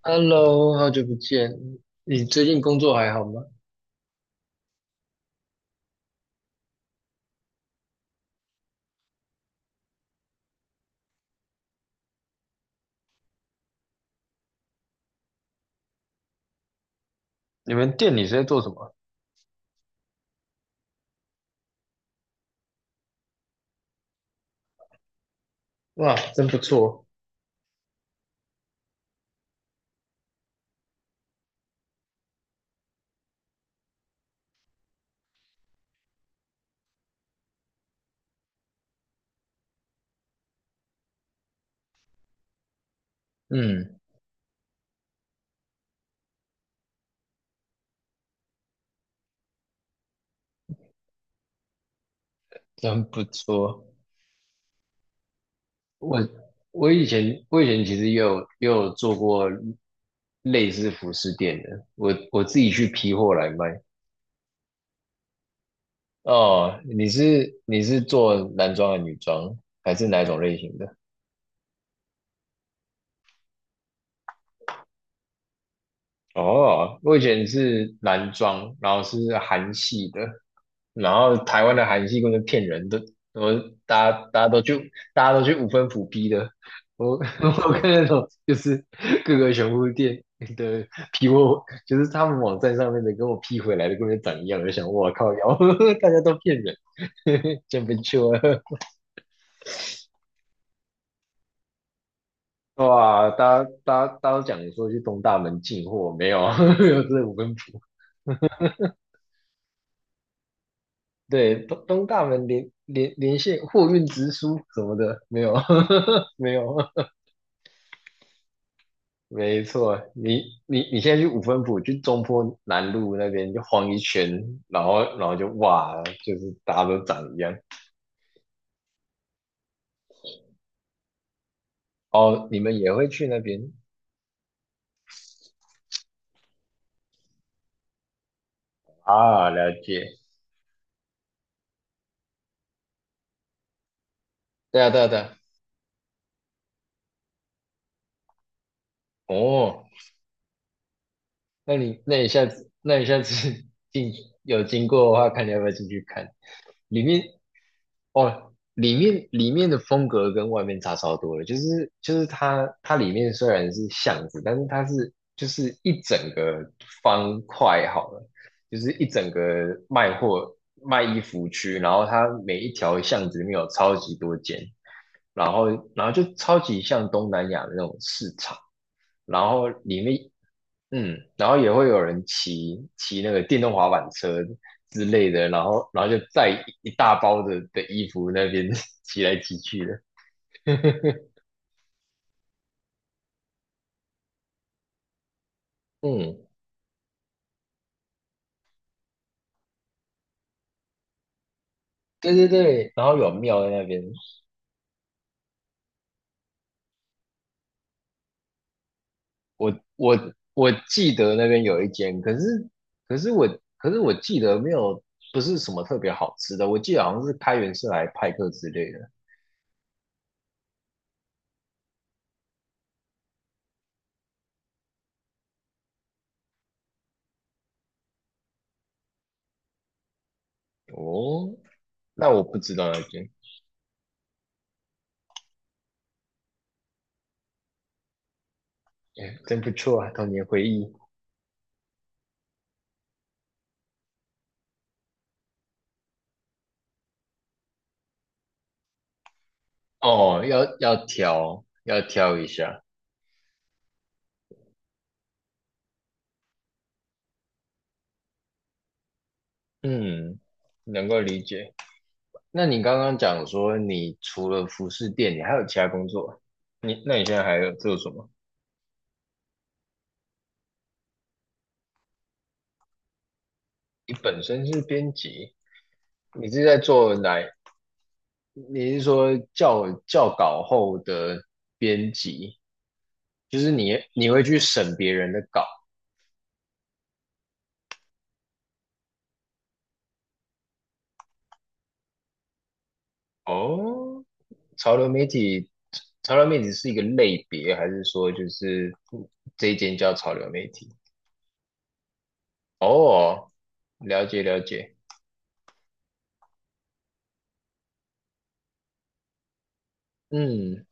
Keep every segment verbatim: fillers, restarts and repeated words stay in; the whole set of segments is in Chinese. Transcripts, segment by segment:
Hello，好久不见，你最近工作还好吗？你们店里是在做什么？哇，真不错，嗯，真不错。我我以前我以前其实也有也有做过类似服饰店的，我我自己去批货来卖。哦，你是你是做男装还是女装，还是哪一种类型的？哦，我以前是男装，然后是韩系的，然后台湾的韩系根本就骗人的，我大家大家都去大家都去五分埔批的，我 我看那种就是各个熊物店的批货，就是他们网站上面的跟我批回来的跟本就长一样，我就想我靠，然后 大家都骗人，真不错，哇，大家大家大家都讲说去东大门进货，没有，没有这五分埔。对，东东大门连连连线货运直输什么的，没有，没有。没错，你你你现在去五分埔，去中坡南路那边就晃一圈，然后然后就哇，就是大家都长一样。哦，你们也会去那边啊？了解。对啊，对啊，对啊。哦，那你那你下次那你下次 进有经过的话，看你要不要进去看。里面哦，里面里面的风格跟外面差超多了，就是就是它它里面虽然是巷子，但是它是就是一整个方块好了，就是一整个卖货卖衣服区，然后它每一条巷子里面有超级多间，然后然后就超级像东南亚的那种市场。然后里面嗯，然后也会有人骑骑那个电动滑板车之类的，然后然后就载一一大包的的衣服，那边 骑来骑去的。嗯，对对对，然后有庙在那边，我我我记得那边有一间，可是可是我可是我记得没有，不是什么特别好吃的，我记得好像是开元社来派克之类的。哦，那我不知道那间。哎，真不错啊，童年回忆。哦，要要挑要挑一下。嗯，能够理解。那你刚刚讲说，你除了服饰店，你还有其他工作？你那你现在还有做什么？你本身是编辑，你是在做哪？你是说校校稿后的编辑，就是你你会去审别人的稿？哦，潮流媒体。潮流媒体是一个类别，还是说就是这一间叫潮流媒体？哦，了解了解，嗯。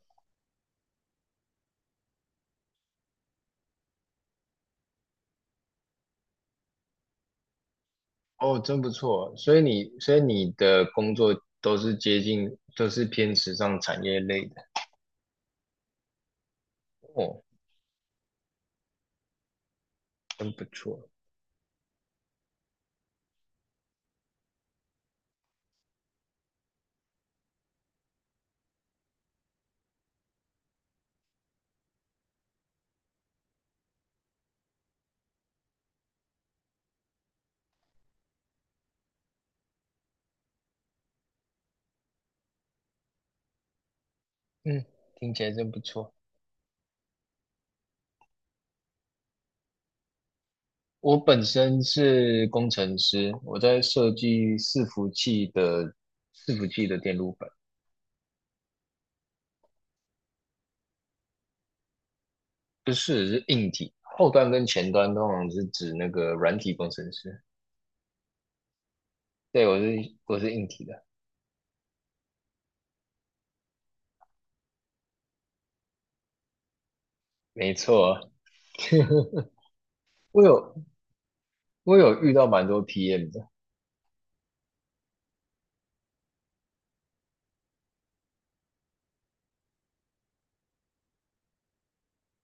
哦，真不错。所以你，所以你的工作都是接近，都是偏时尚产业类的。哦，真不错。嗯，听起来真不错。我本身是工程师，我在设计伺服器的伺服器的电路板。不是，是硬体，后端跟前端通常是指那个软体工程师。对，我是我是硬体的，没错。我有我有遇到蛮多 P M 的。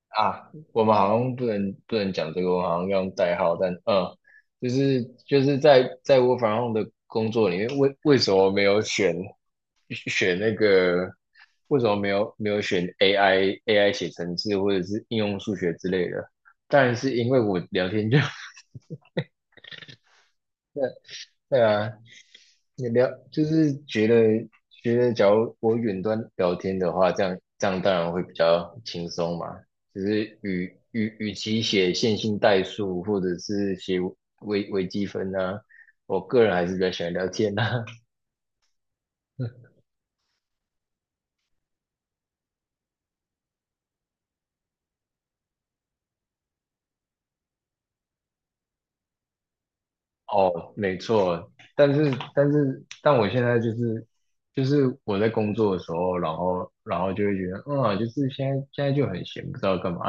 啊，我们好像不能不能讲这个，我们好像要用代号，但嗯，就是就是在在我反 r 的工作里面，为为什么没有选选那个？为什么没有没有选 A I A I 写程式或者是应用数学之类的？当然是因为我聊天就 对啊，你聊就是觉得觉得，假如我远端聊天的话，这样这样当然会比较轻松嘛。只是与与与其写线性代数或者是写微微积分啊，我个人还是比较喜欢聊天啊。哦，没错，但是但是但我现在就是就是我在工作的时候，然后然后就会觉得，嗯，就是现在现在就很闲，不知道干嘛。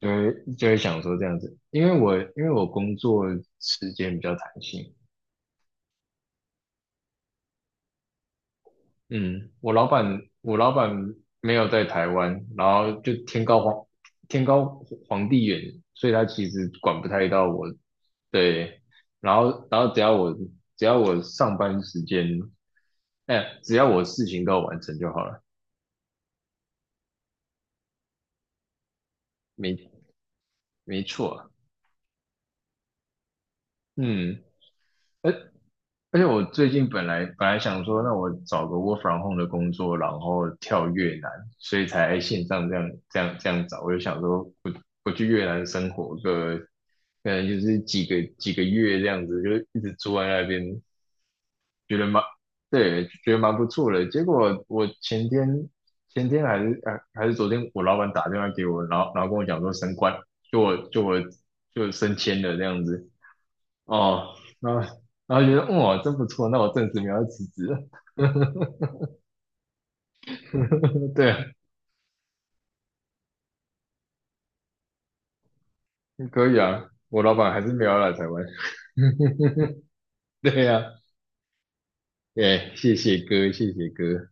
就会就会想说这样子，因为我因为我工作时间比较弹性，嗯，我老板我老板没有在台湾，然后就天高皇天高皇帝远，所以他其实管不太到我。对，然后然后只要我只要我上班时间，哎，只要我事情都有完成就好了，没没错啊，嗯。而且我最近本来本来想说，那我找个 work from home 的工作，然后跳越南，所以才线上这样这样这样找。我就想说我，我去越南生活个，可能就是几个几个月这样子，就一直住在那边，觉得蛮对，觉得蛮不错的。结果我前天前天还是呃还是昨天，我老板打电话给我，然后然后跟我讲说升官，就我就我就升迁了这样子。哦，然后然后觉得，哇，真不错，那我暂时没有辞职了。对啊，可以啊，我老板还是没有来台湾。对呀、啊，哎，谢谢哥，谢谢哥。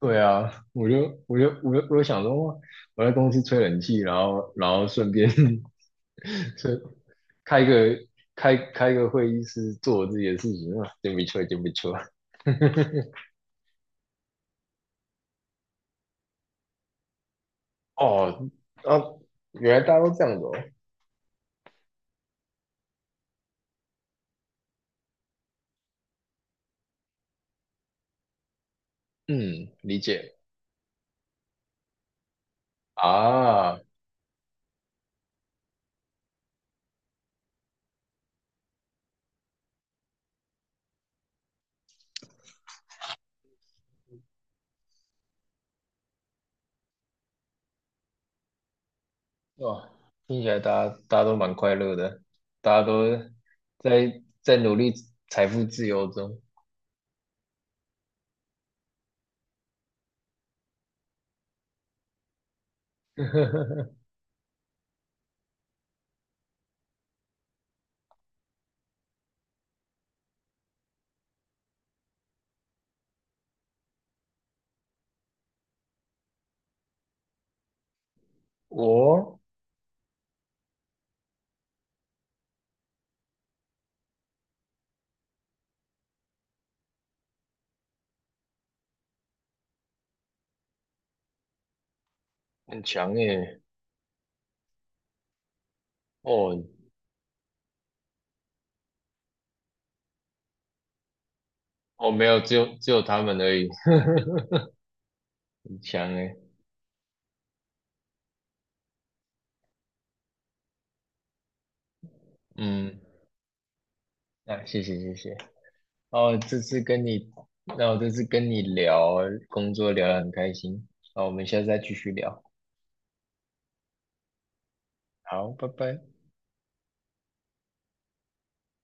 对啊，我就我就我就我就想说，哇，我在公司吹冷气，然后然后顺便 吹开个开开个会议室做我自己的事情啊，真不错，真不错。哦，啊，原来大家都这样子哦。嗯，理解啊。哇，听起来大家大家都蛮快乐的，大家都在在努力财富自由中。我很强耶，哦我没有，只有只有他们而已，很强耶。嗯，那谢谢谢谢。哦，这次跟你，那我这次跟你聊工作聊得很开心，好，我们下次再继续聊。好，拜拜。